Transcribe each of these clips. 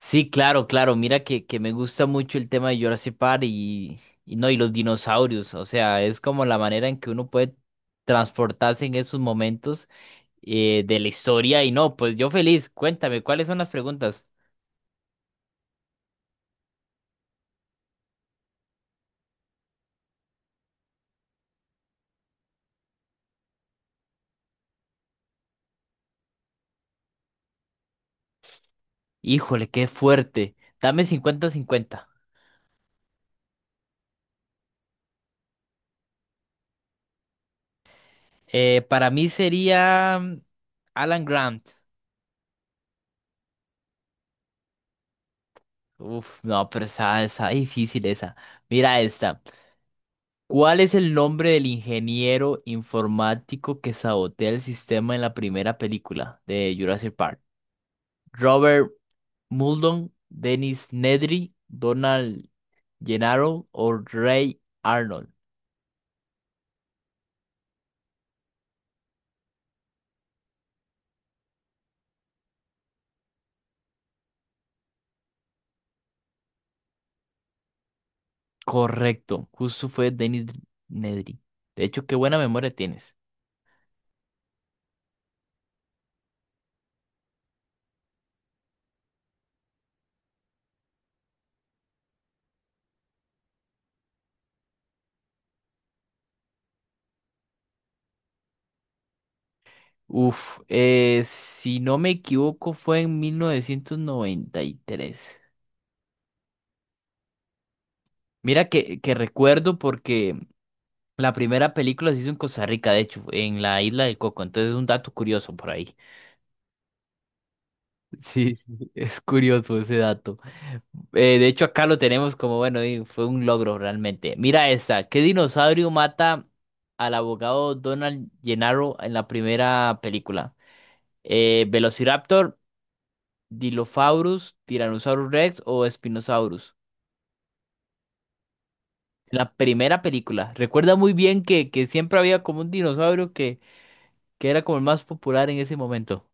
Sí, claro, claro. Mira que me gusta mucho el tema de Jurassic Park y no, y los dinosaurios. O sea, es como la manera en que uno puede transportarse en esos momentos de la historia. Y no, pues yo feliz. Cuéntame, ¿cuáles son las preguntas? Híjole, qué fuerte. Dame cincuenta-cincuenta. Para mí sería Alan Grant. Uf, no, pero esa difícil esa. Mira esta. ¿Cuál es el nombre del ingeniero informático que sabotea el sistema en la primera película de Jurassic Park? Robert Muldoon, Dennis Nedry, Donald Gennaro o Ray Arnold. Correcto, justo fue Dennis Nedry. De hecho, qué buena memoria tienes. Uf, si no me equivoco fue en 1993. Mira que recuerdo porque la primera película se hizo en Costa Rica, de hecho, en la isla del Coco. Entonces es un dato curioso por ahí. Sí, sí, es curioso ese dato. De hecho, acá lo tenemos como, bueno, y fue un logro realmente. Mira esta. ¿Qué dinosaurio mata al abogado Donald Gennaro en la primera película? ¿Velociraptor, Dilophosaurus, Tyrannosaurus Rex o Spinosaurus? En la primera película. Recuerda muy bien que siempre había como un dinosaurio que era como el más popular en ese momento.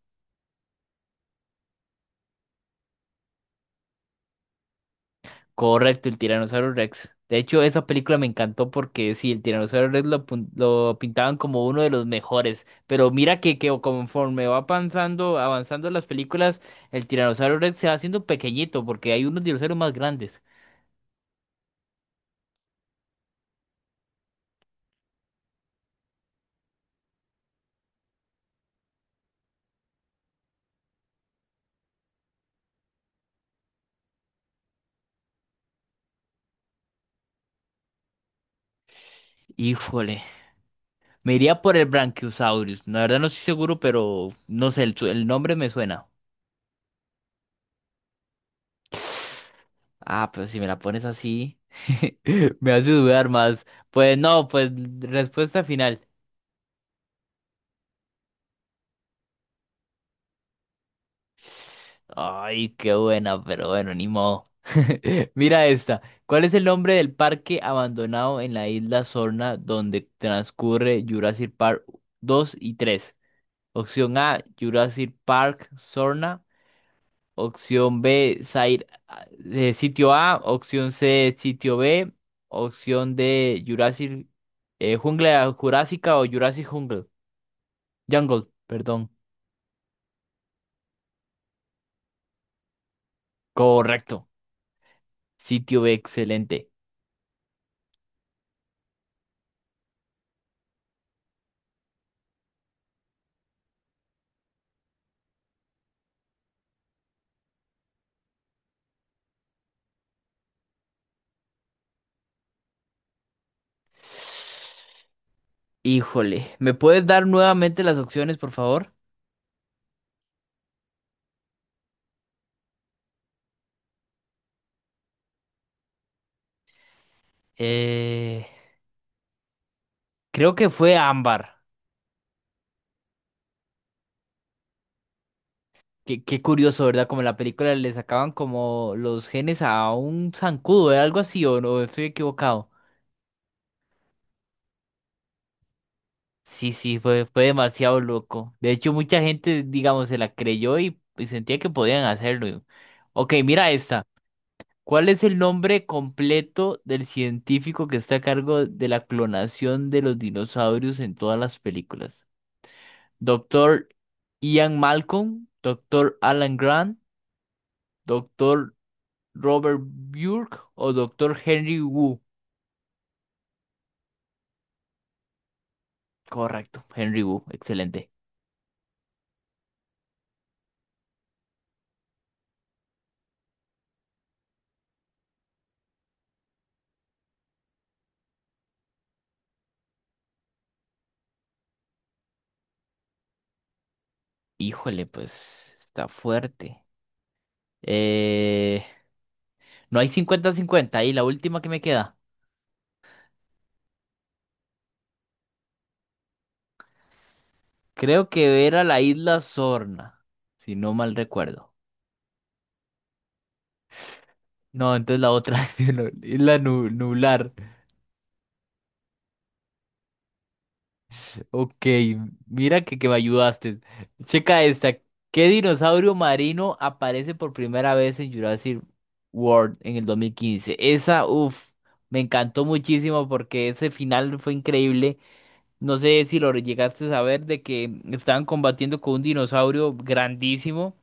Correcto, el Tiranosaurio Rex. De hecho, esa película me encantó porque sí, el Tiranosaurio Rex lo pintaban como uno de los mejores. Pero mira que conforme va avanzando las películas, el Tiranosaurio Rex se va haciendo pequeñito porque hay unos dinosaurios más grandes. Híjole, me iría por el Brachiosaurus. La verdad no estoy seguro, pero no sé, el nombre me suena. Ah, pues si me la pones así, me hace dudar más. Pues no, pues respuesta final. Ay, qué buena, pero bueno, ni modo. Mira esta. ¿Cuál es el nombre del parque abandonado en la isla Sorna donde transcurre Jurassic Park 2 y 3? Opción A, Jurassic Park Sorna. Opción B, sitio A. Opción C, sitio B. Opción D, Jurassic Jungla Jurásica o Jurassic Jungle. Jungle, perdón. Correcto. Sitio B, excelente. Híjole, ¿me puedes dar nuevamente las opciones, por favor? Eh, creo que fue ámbar. Qué, qué curioso, ¿verdad? Como en la película le sacaban como los genes a un zancudo, ¿eh? Algo así, ¿o no? Estoy equivocado. Sí, sí, fue, fue demasiado loco. De hecho, mucha gente, digamos, se la creyó y sentía que podían hacerlo. Ok, mira esta. ¿Cuál es el nombre completo del científico que está a cargo de la clonación de los dinosaurios en todas las películas? Doctor Ian Malcolm, Doctor Alan Grant, Doctor Robert Burke o Doctor Henry Wu. Correcto, Henry Wu, excelente. Híjole, pues está fuerte. Eh, no hay cincuenta-cincuenta y la última que me queda. Creo que era la isla Sorna, si no mal recuerdo. No, entonces la otra, la isla Nublar. Ok, mira que me ayudaste. Checa esta. ¿Qué dinosaurio marino aparece por primera vez en Jurassic World en el 2015? Esa, uff, me encantó muchísimo porque ese final fue increíble. No sé si lo llegaste a saber de que estaban combatiendo con un dinosaurio grandísimo.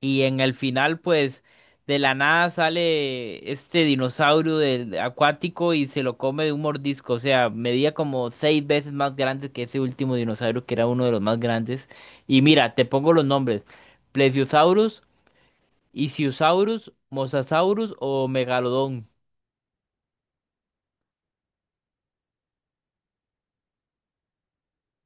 Y en el final, pues, de la nada sale este dinosaurio del acuático y se lo come de un mordisco. O sea, medía como 6 veces más grande que ese último dinosaurio, que era uno de los más grandes. Y mira, te pongo los nombres. Plesiosaurus, Ichthyosaurus, Mosasaurus o Megalodón.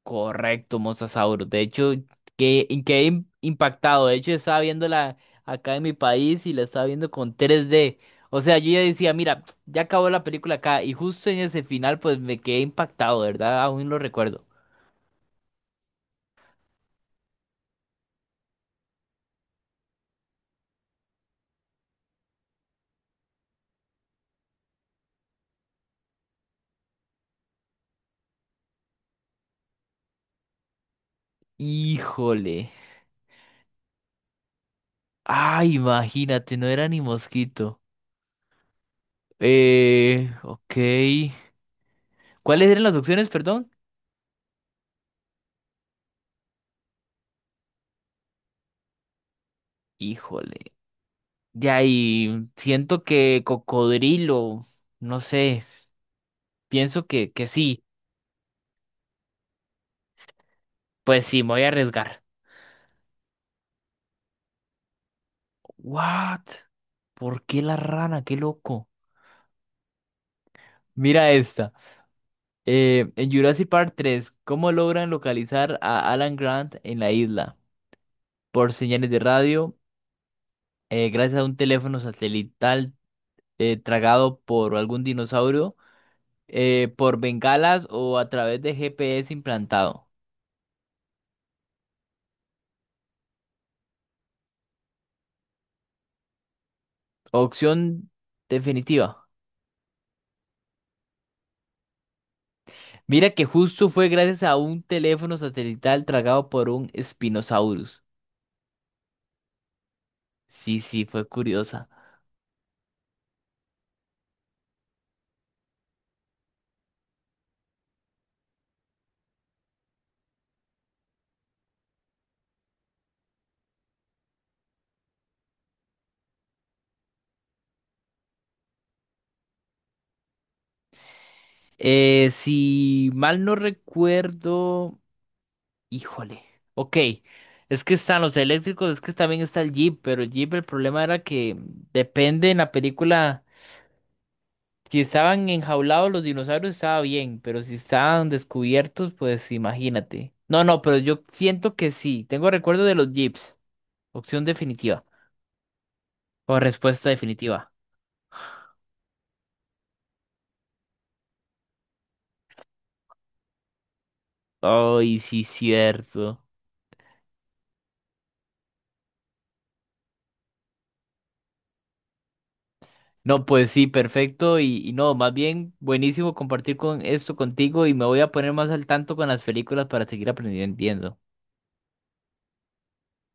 Correcto, Mosasaurus. De hecho, que quedé impactado. De hecho, yo estaba viéndola acá en mi país y la estaba viendo con 3D. O sea, yo ya decía, mira, ya acabó la película acá. Y justo en ese final, pues me quedé impactado, de ¿verdad? Aún lo recuerdo. Híjole. Ay, imagínate, no era ni mosquito. Ok. ¿Cuáles eran las opciones, perdón? Híjole. De ahí, siento que cocodrilo. No sé. Pienso que sí. Pues sí, me voy a arriesgar. What? ¿Por qué la rana? Qué loco. Mira esta. En Jurassic Park 3, ¿cómo logran localizar a Alan Grant en la isla? Por señales de radio, gracias a un teléfono satelital tragado por algún dinosaurio, por bengalas o a través de GPS implantado. Opción definitiva. Mira que justo fue gracias a un teléfono satelital tragado por un Spinosaurus. Sí, sí, fue curiosa. Si mal no recuerdo, híjole. Ok, es que están los eléctricos, es que también está el Jeep, pero el Jeep el problema era que depende en la película. Si estaban enjaulados los dinosaurios estaba bien, pero si estaban descubiertos, pues imagínate. No, no, pero yo siento que sí. Tengo recuerdo de los Jeeps. Opción definitiva o respuesta definitiva. Ay, sí, cierto. No, pues sí, perfecto. Y no, más bien buenísimo compartir con esto contigo y me voy a poner más al tanto con las películas para seguir aprendiendo.